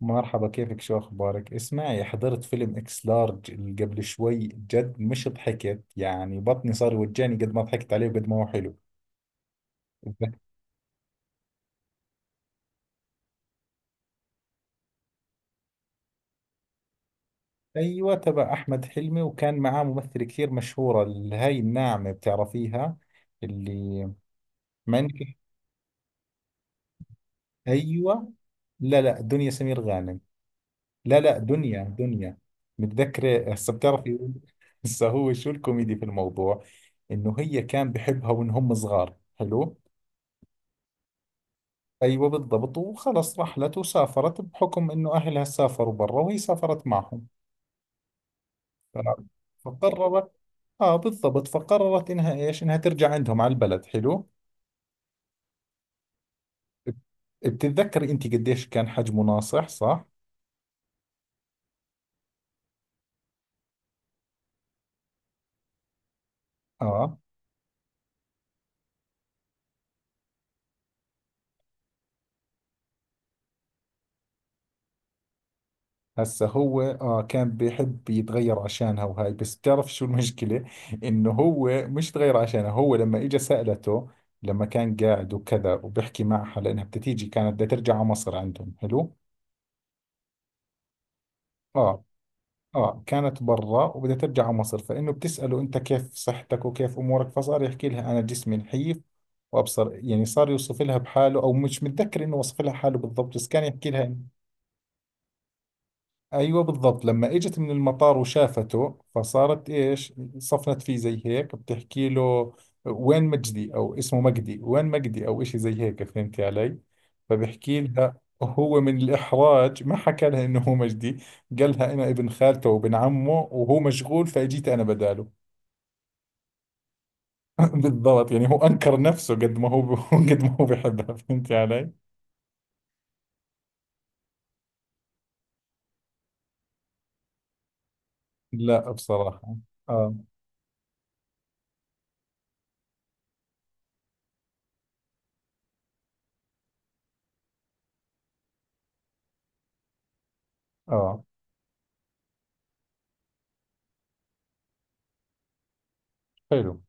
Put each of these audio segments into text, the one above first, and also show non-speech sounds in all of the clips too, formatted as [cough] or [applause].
مرحبا، كيفك؟ شو أخبارك؟ اسمعي، حضرت فيلم إكس لارج اللي قبل شوي. جد مش ضحكت، يعني بطني صار يوجعني قد ما ضحكت عليه وقد ما هو حلو. ب- أيوة، تبع أحمد حلمي، وكان معاه ممثلة كثير مشهورة اللي هاي الناعمة، بتعرفيها؟ اللي ما إنك أيوة. لا، دنيا سمير غانم. لا، دنيا. متذكرة هسه، بتعرفي. [laughs] هسه، هو شو الكوميدي في الموضوع؟ إنه هي كان بحبها وإن هم صغار، حلو. أيوة بالضبط، وخلص رحلت وسافرت بحكم إنه أهلها سافروا برا وهي سافرت معهم. ف- فقررت، آه بالضبط، فقررت إنها إيش، إنها ترجع عندهم على البلد، حلو. بتتذكري أنت قديش كان حجمه ناصح، صح؟ آه. هسا هو، آه، كان بيحب يتغير عشانها، وهاي بس بتعرف شو المشكلة، إنه هو مش تغير عشانها. هو لما إجا سألته، لما كان قاعد وكذا وبيحكي معها لأنها بتتيجي، كانت بدها ترجع على مصر عندهم، حلو؟ اه. اه، كانت برا وبدها ترجع على مصر، فانه بتساله انت كيف صحتك وكيف امورك، فصار يحكي لها انا جسمي نحيف، وابصر يعني، صار يوصف لها بحاله، او مش متذكر انه وصف لها حاله بالضبط، بس كان يحكي لها. ايوه بالضبط. لما اجت من المطار وشافته، فصارت ايش، صفنت فيه زي هيك، بتحكي له وين مجدي، او اسمه مجدي، وين مجدي او اشي زي هيك، فهمتي علي؟ فبحكي لها، هو من الاحراج ما حكى لها انه هو مجدي، قال لها انا ابن خالته وابن عمه، وهو مشغول فاجيت انا بداله. [laughs] بالضبط، يعني هو انكر نفسه قد ما هو [laughs] قد ما هو بحبها، فهمتي علي؟ لا بصراحة. اه. اه. حلو.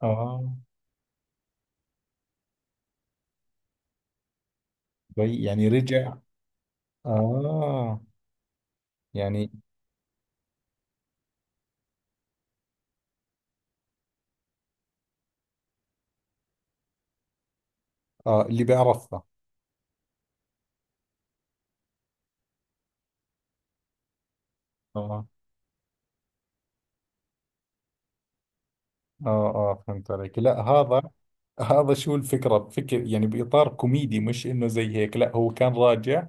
اه. طيب يعني رجع. آه. يعني. آه، اللي بيعرفها. آه آه، آه فهمت عليك، لا هذا. هذا شو الفكرة، بفكر يعني بإطار كوميدي، مش إنه زي هيك. لا، هو كان راجع،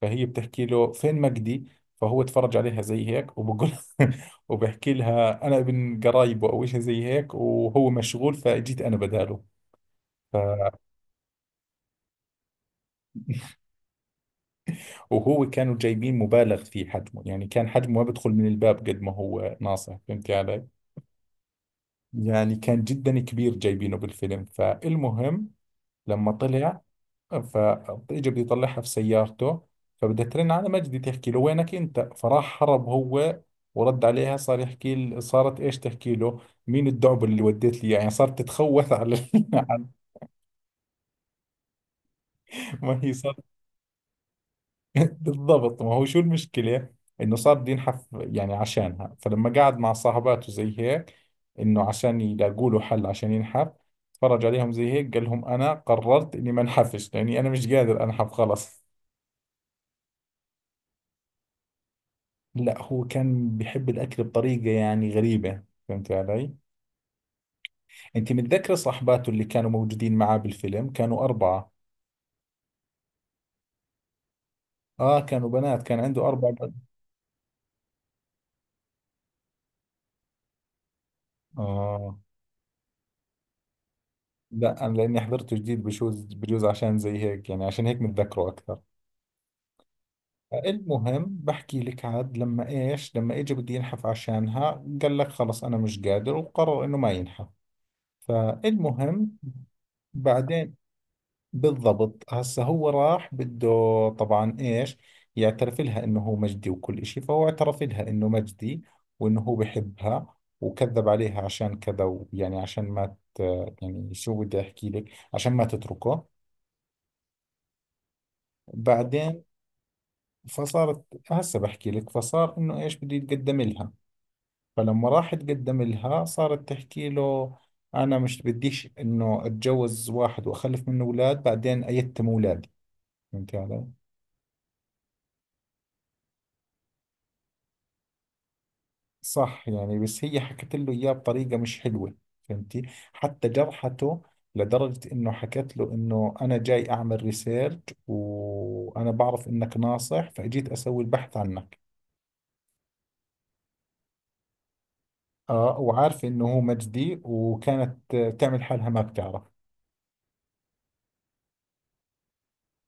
فهي بتحكي له فين مجدي، فهو تفرج عليها زي هيك وبقول، [laughs] وبحكي لها أنا ابن قرايبه أو شيء زي هيك، وهو مشغول فجيت أنا بداله. ف... وهو كانوا جايبين مبالغ في حجمه، يعني كان حجمه ما بدخل من الباب قد ما هو ناصح، فهمت علي؟ يعني كان جدا كبير جايبينه بالفيلم. فالمهم، لما طلع، فاجى بده يطلعها في سيارته، فبدها ترن على مجدي تحكي له وينك انت، فراح هرب هو، ورد عليها صار يحكي صارت ايش، تحكي له مين الدعب اللي وديت لي إياه؟ يعني صارت تتخوث على، [laughs] على- ما هي. [laughs] بالضبط، ما هو شو المشكلة، انه صار بده ينحف يعني عشانها. فلما قعد مع صاحباته زي هيك، انه عشان يلاقوا له حل عشان ينحف، تفرج عليهم زي هيك قال لهم انا قررت اني ما انحفش، لاني انا مش قادر انحف، خلص. لا، هو كان بيحب الاكل بطريقة يعني غريبة، فهمت علي؟ انت متذكرة صاحباته اللي كانوا موجودين معاه بالفيلم كانوا اربعة؟ اه، كانوا بنات، كان عنده اربع بنات. اه. لا انا لاني حضرته جديد بشوز بجوز، عشان زي هيك يعني، عشان هيك متذكره اكثر. المهم بحكي لك، عاد لما ايش، لما اجى بده ينحف عشانها قال لك خلص انا مش قادر، وقرر انه ما ينحف. فالمهم. بعدين. بالضبط، هسه هو راح بده طبعا ايش، يعترف لها انه هو مجدي وكل اشي. فهو اعترف لها انه مجدي، وانه هو بحبها وكذب عليها عشان كذا، ويعني عشان ما ت... يعني شو بدي احكي لك، عشان ما تتركه. بعدين. فصارت، هسه بحكي لك، فصار انه ايش بده يتقدم لها. فلما راح تقدم لها، صارت تحكي له أنا مش بديش إنه أتجوز واحد وأخلف منه أولاد بعدين أيتم أولادي، فهمتي علي؟ صح، يعني بس هي حكت له إياه بطريقة مش حلوة، فهمتي؟ حتى جرحته، لدرجة إنه حكت له إنه أنا جاي أعمل ريسيرش، وأنا بعرف إنك ناصح فأجيت أسوي البحث عنك. آه، وعارفة إنه هو مجدي وكانت تعمل حالها ما بتعرف.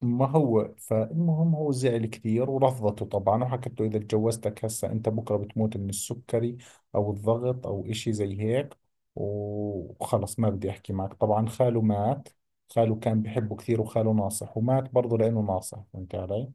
ما هو فالمهم، هو زعل كثير ورفضته طبعا، وحكت له إذا تجوزتك هسه أنت بكرة بتموت من السكري، أو الضغط أو إشي زي هيك، وخلص ما بدي أحكي معك. طبعا خاله مات، خاله كان بحبه كثير، وخاله ناصح ومات برضه لأنه ناصح، فهمت علي؟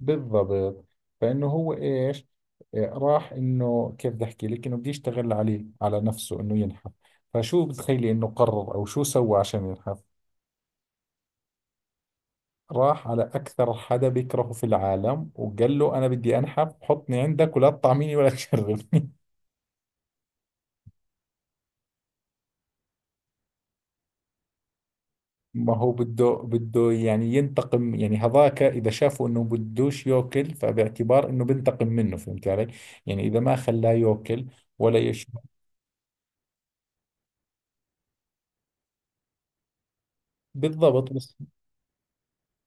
بالضبط. فإنه هو إيش، إيه، راح، إنه كيف بدي أحكي لك، إنه بده يشتغل عليه على نفسه إنه ينحف. فشو بتخيلي إنه قرر أو شو سوى عشان ينحف؟ راح على أكثر حدا بيكرهه في العالم، وقال له أنا بدي أنحف، حطني عندك ولا تطعميني ولا تشربني. [laughs] ما هو بده يعني ينتقم، يعني هذاك إذا شافه إنه بدوش يأكل فباعتبار إنه بنتقم منه، فهمت علي؟ يعني إذا ما خلاه يأكل ولا يشرب. بالضبط بس.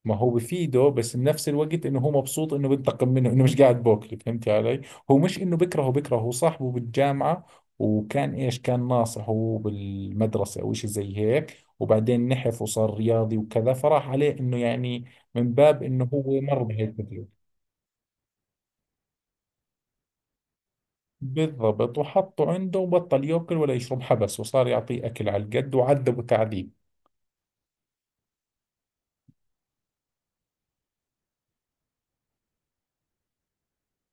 ما هو بفيده، بس بنفس الوقت انه هو مبسوط انه بنتقم منه، انه مش قاعد بوكل، فهمتي علي؟ هو مش انه بكرهه بكرهه، هو صاحبه بالجامعة، وكان ايش، كان ناصحه بالمدرسة او اشي زي هيك، وبعدين نحف وصار رياضي وكذا، فراح عليه انه يعني من باب انه هو مر بهي التجربة. بالضبط، وحطه عنده وبطل ياكل ولا يشرب، حبس، وصار يعطيه اكل على القد وعذبه تعذيب.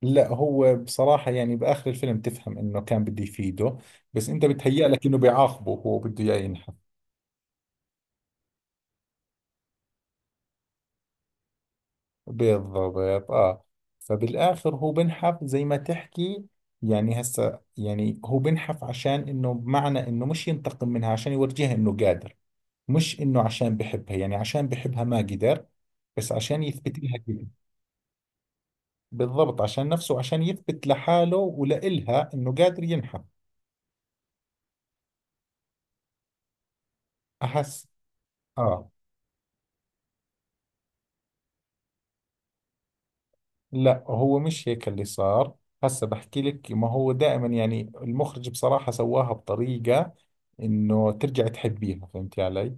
لا، هو بصراحة يعني بآخر الفيلم تفهم إنه كان بده يفيده، بس أنت بتهيأ لك إنه بيعاقبه، هو بده إياه ينحى. بالضبط اه. فبالاخر هو بنحف زي ما تحكي، يعني هسه يعني هو بنحف عشان انه بمعنى انه مش ينتقم منها، عشان يورجيها انه قادر، مش انه عشان بحبها، يعني عشان بحبها ما قدر، بس عشان يثبت لها كده. بالضبط، عشان نفسه، عشان يثبت لحاله ولإلها انه قادر ينحف. احس. اه. لا، هو مش هيك اللي صار، هسه بحكي لك. ما هو دائما يعني المخرج بصراحة سواها بطريقة انه ترجع تحبيها، فهمتي علي؟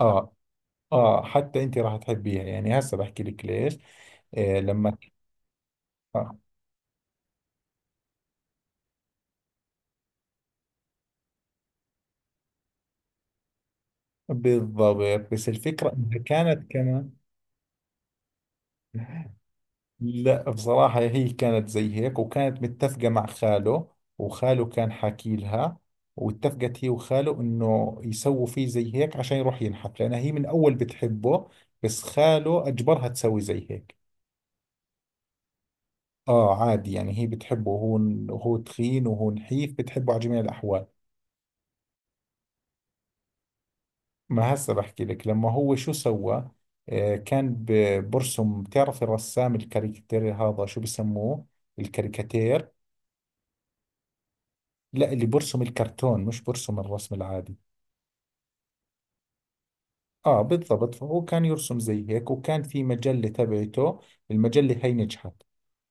اه. اه، حتى انت راح تحبيها، يعني هسه بحكي لك ليش. آه لما. آه. بالضبط، بس الفكرة انها كانت كمان. [laughs] لا بصراحة، هي كانت زي هيك وكانت متفقة مع خاله، وخاله كان حاكي لها، واتفقت هي وخاله انه يسووا فيه زي هيك عشان يروح ينحف، لانها هي من اول بتحبه، بس خاله اجبرها تسوي زي هيك. اه عادي، يعني هي بتحبه، وهو، وهو تخين وهو نحيف بتحبه على جميع الاحوال. ما هسه بحكي لك لما هو شو سوى. آه كان برسم، بتعرف الرسام الكاريكاتير هذا شو بسموه، الكاريكاتير. لا، اللي برسم الكرتون، مش برسم الرسم العادي. اه بالضبط. فهو كان يرسم زي هيك، وكان في مجلة تبعته، المجلة هاي نجحت،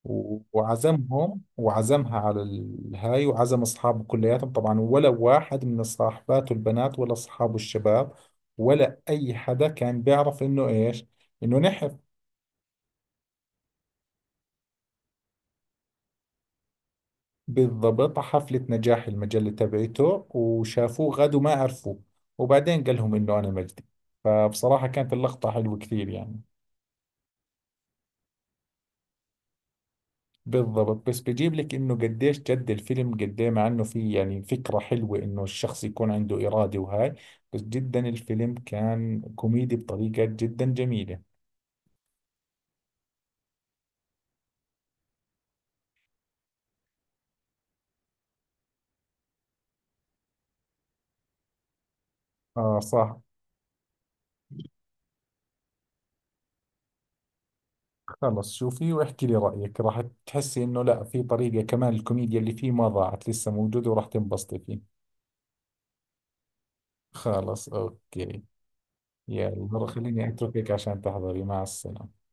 وعزمهم وعزمها على الهاي وعزم اصحابه كلياتهم، طبعا ولا واحد من صاحباته البنات ولا اصحابه الشباب، ولا اي حدا كان بيعرف انه ايش، انه نحف. بالضبط، على حفلة نجاح المجلة تبعته، وشافوه غد وما عرفوه، وبعدين قال لهم انه انا مجدي، فبصراحة كانت اللقطة حلوة كثير يعني. بالضبط، بس بجيب لك انه قديش جد الفيلم قد ايه، مع انه في يعني فكرة حلوة انه الشخص يكون عنده إرادة وهاي، بس جدا الفيلم كان كوميدي بطريقة جدا جميلة. اه صح. خلص شوفي واحكي لي رأيك، راح تحسي انه لا، في طريقة كمان الكوميديا اللي فيه ما ضاعت، لسه موجودة، وراح تنبسطي فيه. خلص اوكي. يلا خليني اتركك عشان تحضري، مع السلامة.